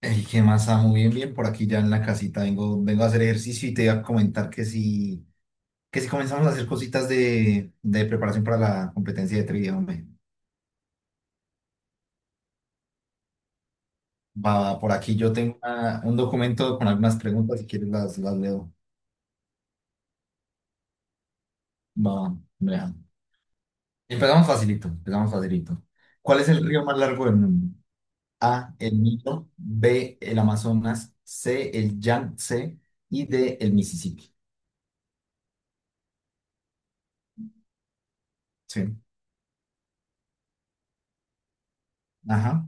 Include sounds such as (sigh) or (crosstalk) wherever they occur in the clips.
El que más amo, bien, bien, por aquí ya en la casita vengo a hacer ejercicio y te iba a comentar que si comenzamos a hacer cositas de preparación para la competencia de trivia, hombre. Va, por aquí yo tengo un documento con algunas preguntas, si quieres las leo. Va, vea. Empezamos facilito, empezamos facilito. ¿Cuál es el río más largo del mundo? A, el Nilo; B, el Amazonas; C, el Yangtze y D, el Mississippi. Sí. Ajá.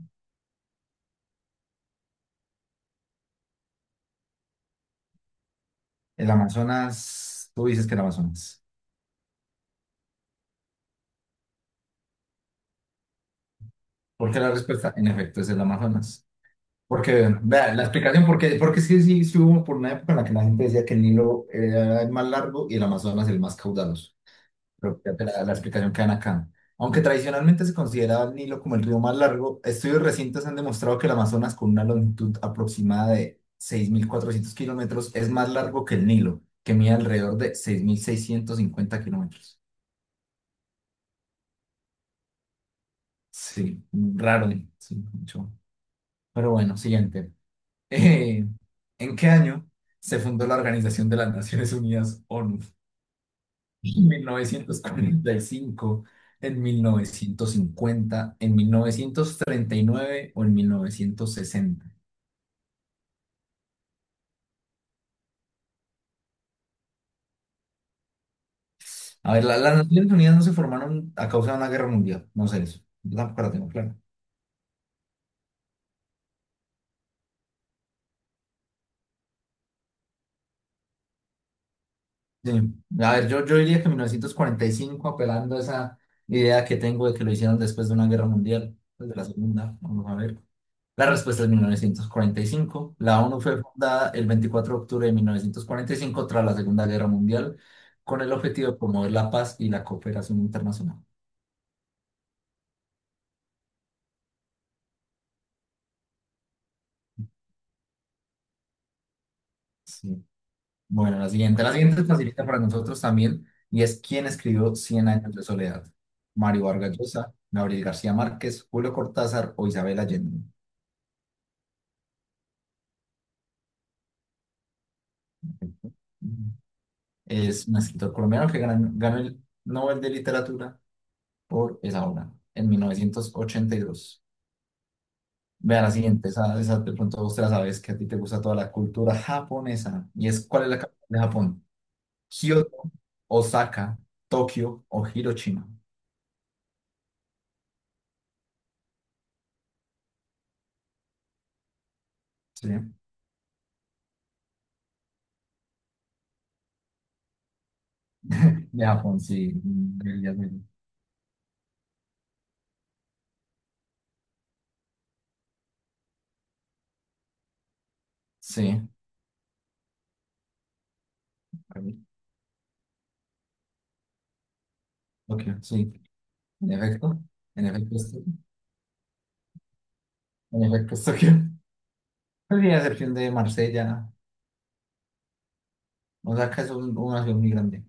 El Amazonas, tú dices que el Amazonas. Porque la respuesta, en efecto, es el Amazonas. Porque, vea, la explicación, porque sí, sí, sí hubo por una época en la que la gente decía que el Nilo era el más largo y el Amazonas el más caudaloso. Pero creo que la explicación queda acá. Aunque tradicionalmente se consideraba el Nilo como el río más largo, estudios recientes han demostrado que el Amazonas, con una longitud aproximada de 6400 kilómetros, es más largo que el Nilo, que mide alrededor de 6650 kilómetros. Sí, raro, sí, mucho. Pero bueno, siguiente. Eh, ¿En qué año se fundó la Organización de las Naciones Unidas, ONU? ¿En 1945, en 1950, en 1939 o en 1960? A ver, las Naciones Unidas no se formaron a causa de una guerra mundial, no sé eso, yo tampoco la tengo clara. Sí. A ver, yo diría que 1945, apelando a esa idea que tengo de que lo hicieron después de una guerra mundial, pues de la segunda, vamos a ver. La respuesta es 1945. La ONU fue fundada el 24 de octubre de 1945 tras la Segunda Guerra Mundial con el objetivo de promover la paz y la cooperación internacional. Sí. Bueno, la siguiente. La siguiente es facilita para nosotros también y es, ¿quién escribió Cien años de soledad? Mario Vargas Llosa, Gabriel García Márquez, Julio Cortázar o Isabel Allende. Ujú. Es un escritor colombiano que ganó el Nobel de Literatura por esa obra en 1982. Vean la siguiente, esa de pronto vos te la sabes, que a ti te gusta toda la cultura japonesa. Y es, ¿cuál es la capital de Japón? Kioto, Osaka, Tokio o Hiroshima. Sí, de Japón, sí. Mm, ya. Sí, Tokio, sí. En efecto, en efecto, es En efecto, es Tokio. (laughs) Pues sí, a excepción de Marsella, Osaka es una ciudad muy grande.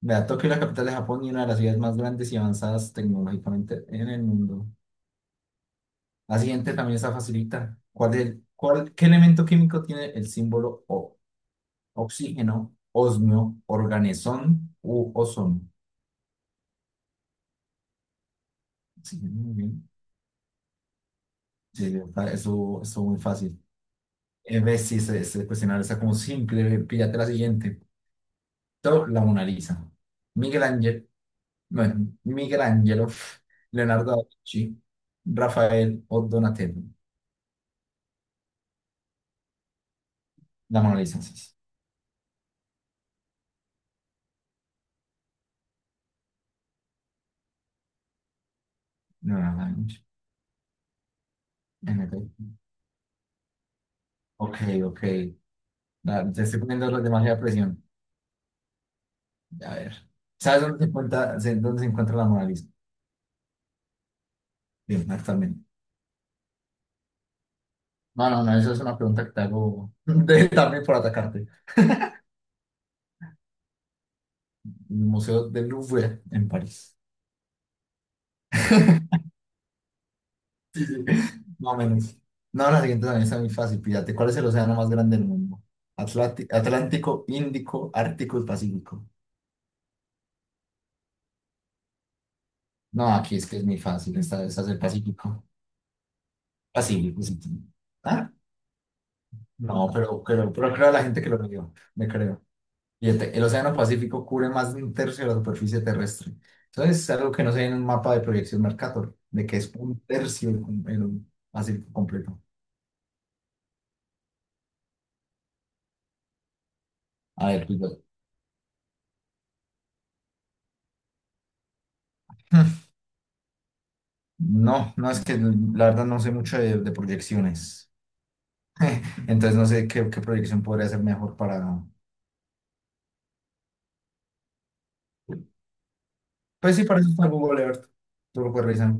Vea, Tokio es la capital de Japón y una de las ciudades más grandes y avanzadas tecnológicamente en el mundo. La siguiente también está facilita. ¿Qué elemento químico tiene el símbolo O? Oxígeno, osmio, organezón u ozono. Oxígeno, muy bien. Sí, eso es muy fácil. Ves, sí, ese cuestionario está como simple. Píllate la siguiente. La Mona Lisa. Miguel Ángel, bueno, Miguel Ángelo, Leonardo da Vinci, Rafael o Donatello. La Mona Lisa, sí, sí. Leonardo da Vinci. En efecto. Ok, ok. Te estoy poniendo la demasiada presión. A ver. ¿Sabes dónde se encuentra la Mona Lisa? Bien, actualmente. No, no, no, eso es una pregunta que te hago (laughs) también por atacarte. El Museo del Louvre en París. Sí, sí. Más o menos. No, la siguiente también está muy fácil. Pídate, ¿cuál es el océano más grande del mundo? Atlántico, Índico, Ártico y Pacífico. No, aquí es que es muy fácil. Esta es el Pacífico. Pacífico, sí, sí. Ah, no, pero creo a la gente que lo leyó. Me creo. Fíjate, el Océano Pacífico cubre más de un tercio de la superficie terrestre. Entonces, es algo que no se ve en un mapa de proyección Mercator, de que es un tercio el Pacífico completo. A ver, pues, bueno. (laughs) No, no es que la verdad no sé mucho de proyecciones. (laughs) Entonces, no sé qué proyección podría ser mejor para. Pues sí, para eso está Google Earth. Tú lo puedes revisar.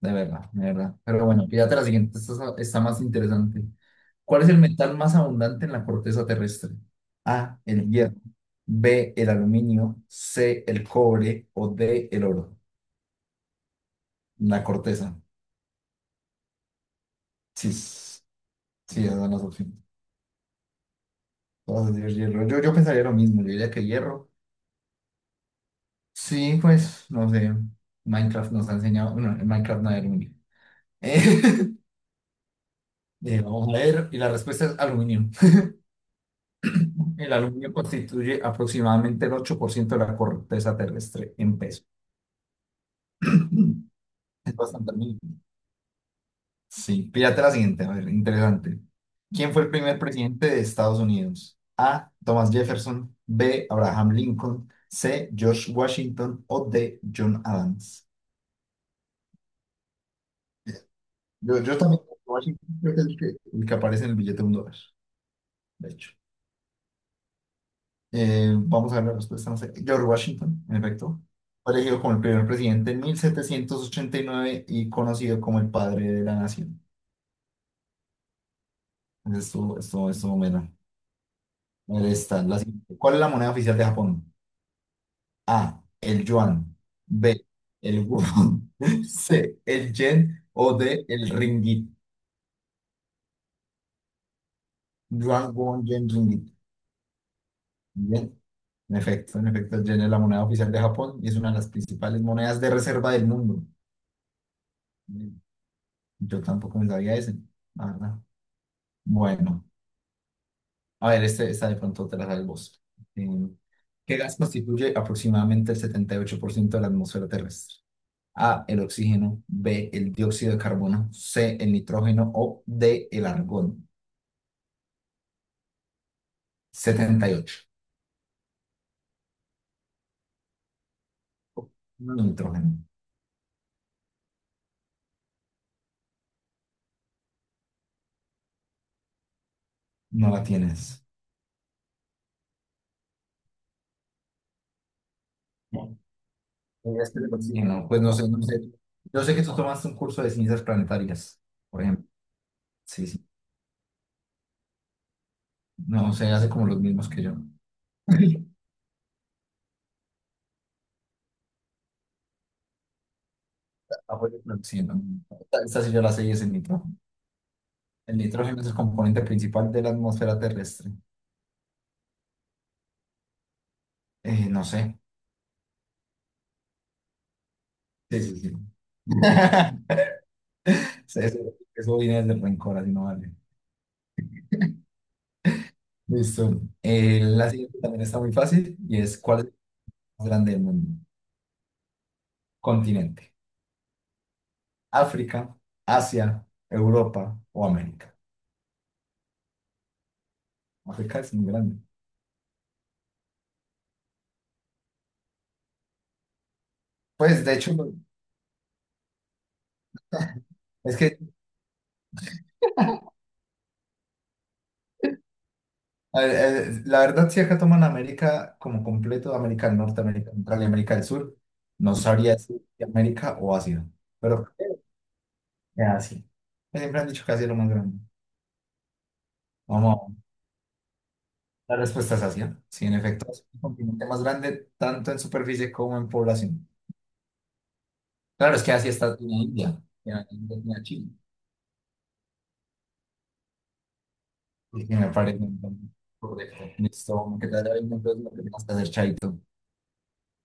De verdad, de verdad. Pero bueno, fíjate la siguiente, esta está más interesante. ¿Cuál es el metal más abundante en la corteza terrestre? A, el hierro; B, el aluminio; C, el cobre o D, el oro. La corteza. Sí, sí, esas son las opciones. Todas las de hierro. Yo pensaría lo mismo, yo diría que hierro. Sí, pues, no sé. Minecraft nos ha enseñado, no, en Minecraft no hay aluminio. (laughs) Vamos a ver, y la respuesta es aluminio. El aluminio constituye aproximadamente el 8% de la corteza terrestre en peso. (clears throat) Es bastante mínimo. Sí. Píllate la siguiente, a ver, interesante. ¿Quién fue el primer presidente de Estados Unidos? A, Thomas Jefferson; B, Abraham Lincoln; C, George Washington o D, John Adams. Yo también, Washington, creo que es el que aparece en el billete de un dólar, de hecho. Vamos a ver la respuesta. No sé. George Washington, en efecto, fue elegido como el primer presidente en 1789 y conocido como el padre de la nación. Entonces, estuvo bueno. Ahí está, la siguiente. ¿Cuál es la moneda oficial de Japón? A, el yuan; B, el won; (laughs) C, el yen o D, el ringgit. Yuan, won, yen, ringgit. Bien. En efecto, el yen es la moneda oficial de Japón y es una de las principales monedas de reserva del mundo. Bien. Yo tampoco me sabía ese. Ah, bueno, a ver, este, esta de pronto te la da el vos. Em, ¿Qué gas constituye aproximadamente el 78% de la atmósfera terrestre? A, el oxígeno; B, el dióxido de carbono; C, el nitrógeno o D, el argón. 78. No, nitrógeno. No la tienes. No. Este es el oxígeno. Pues no sé, no sé. Yo sé que tú tomaste un curso de ciencias planetarias, por ejemplo. Sí, sí. No sé, hace como los mismos que yo. (laughs) Apoyo el oxígeno. Esta sí yo la sé y es el nitrógeno. El nitrógeno es el componente principal de la atmósfera terrestre. No sé. Sí, sí, sí. (laughs) Sí, eso viene desde el rencor, así no vale. Listo. La siguiente también está muy fácil y es, ¿cuál es el más grande del mundo? Continente. África, Asia, Europa o América. África es muy grande. Pues de hecho, no, es que a ver, la verdad si acá toman América como completo, América del Norte, América Central y América del Sur, no sabría decir si América o Asia. Pero. Ya, sí. Pues siempre han dicho que así es lo más grande. Vamos, la respuesta es Asia. Sí, en efecto, es el continente más grande tanto en superficie como en población. Claro, es que Asia está en India, en la China. Y me parece un buen correcto. Listo, que te haya bien, entonces lo que tengas que hacer, chaito.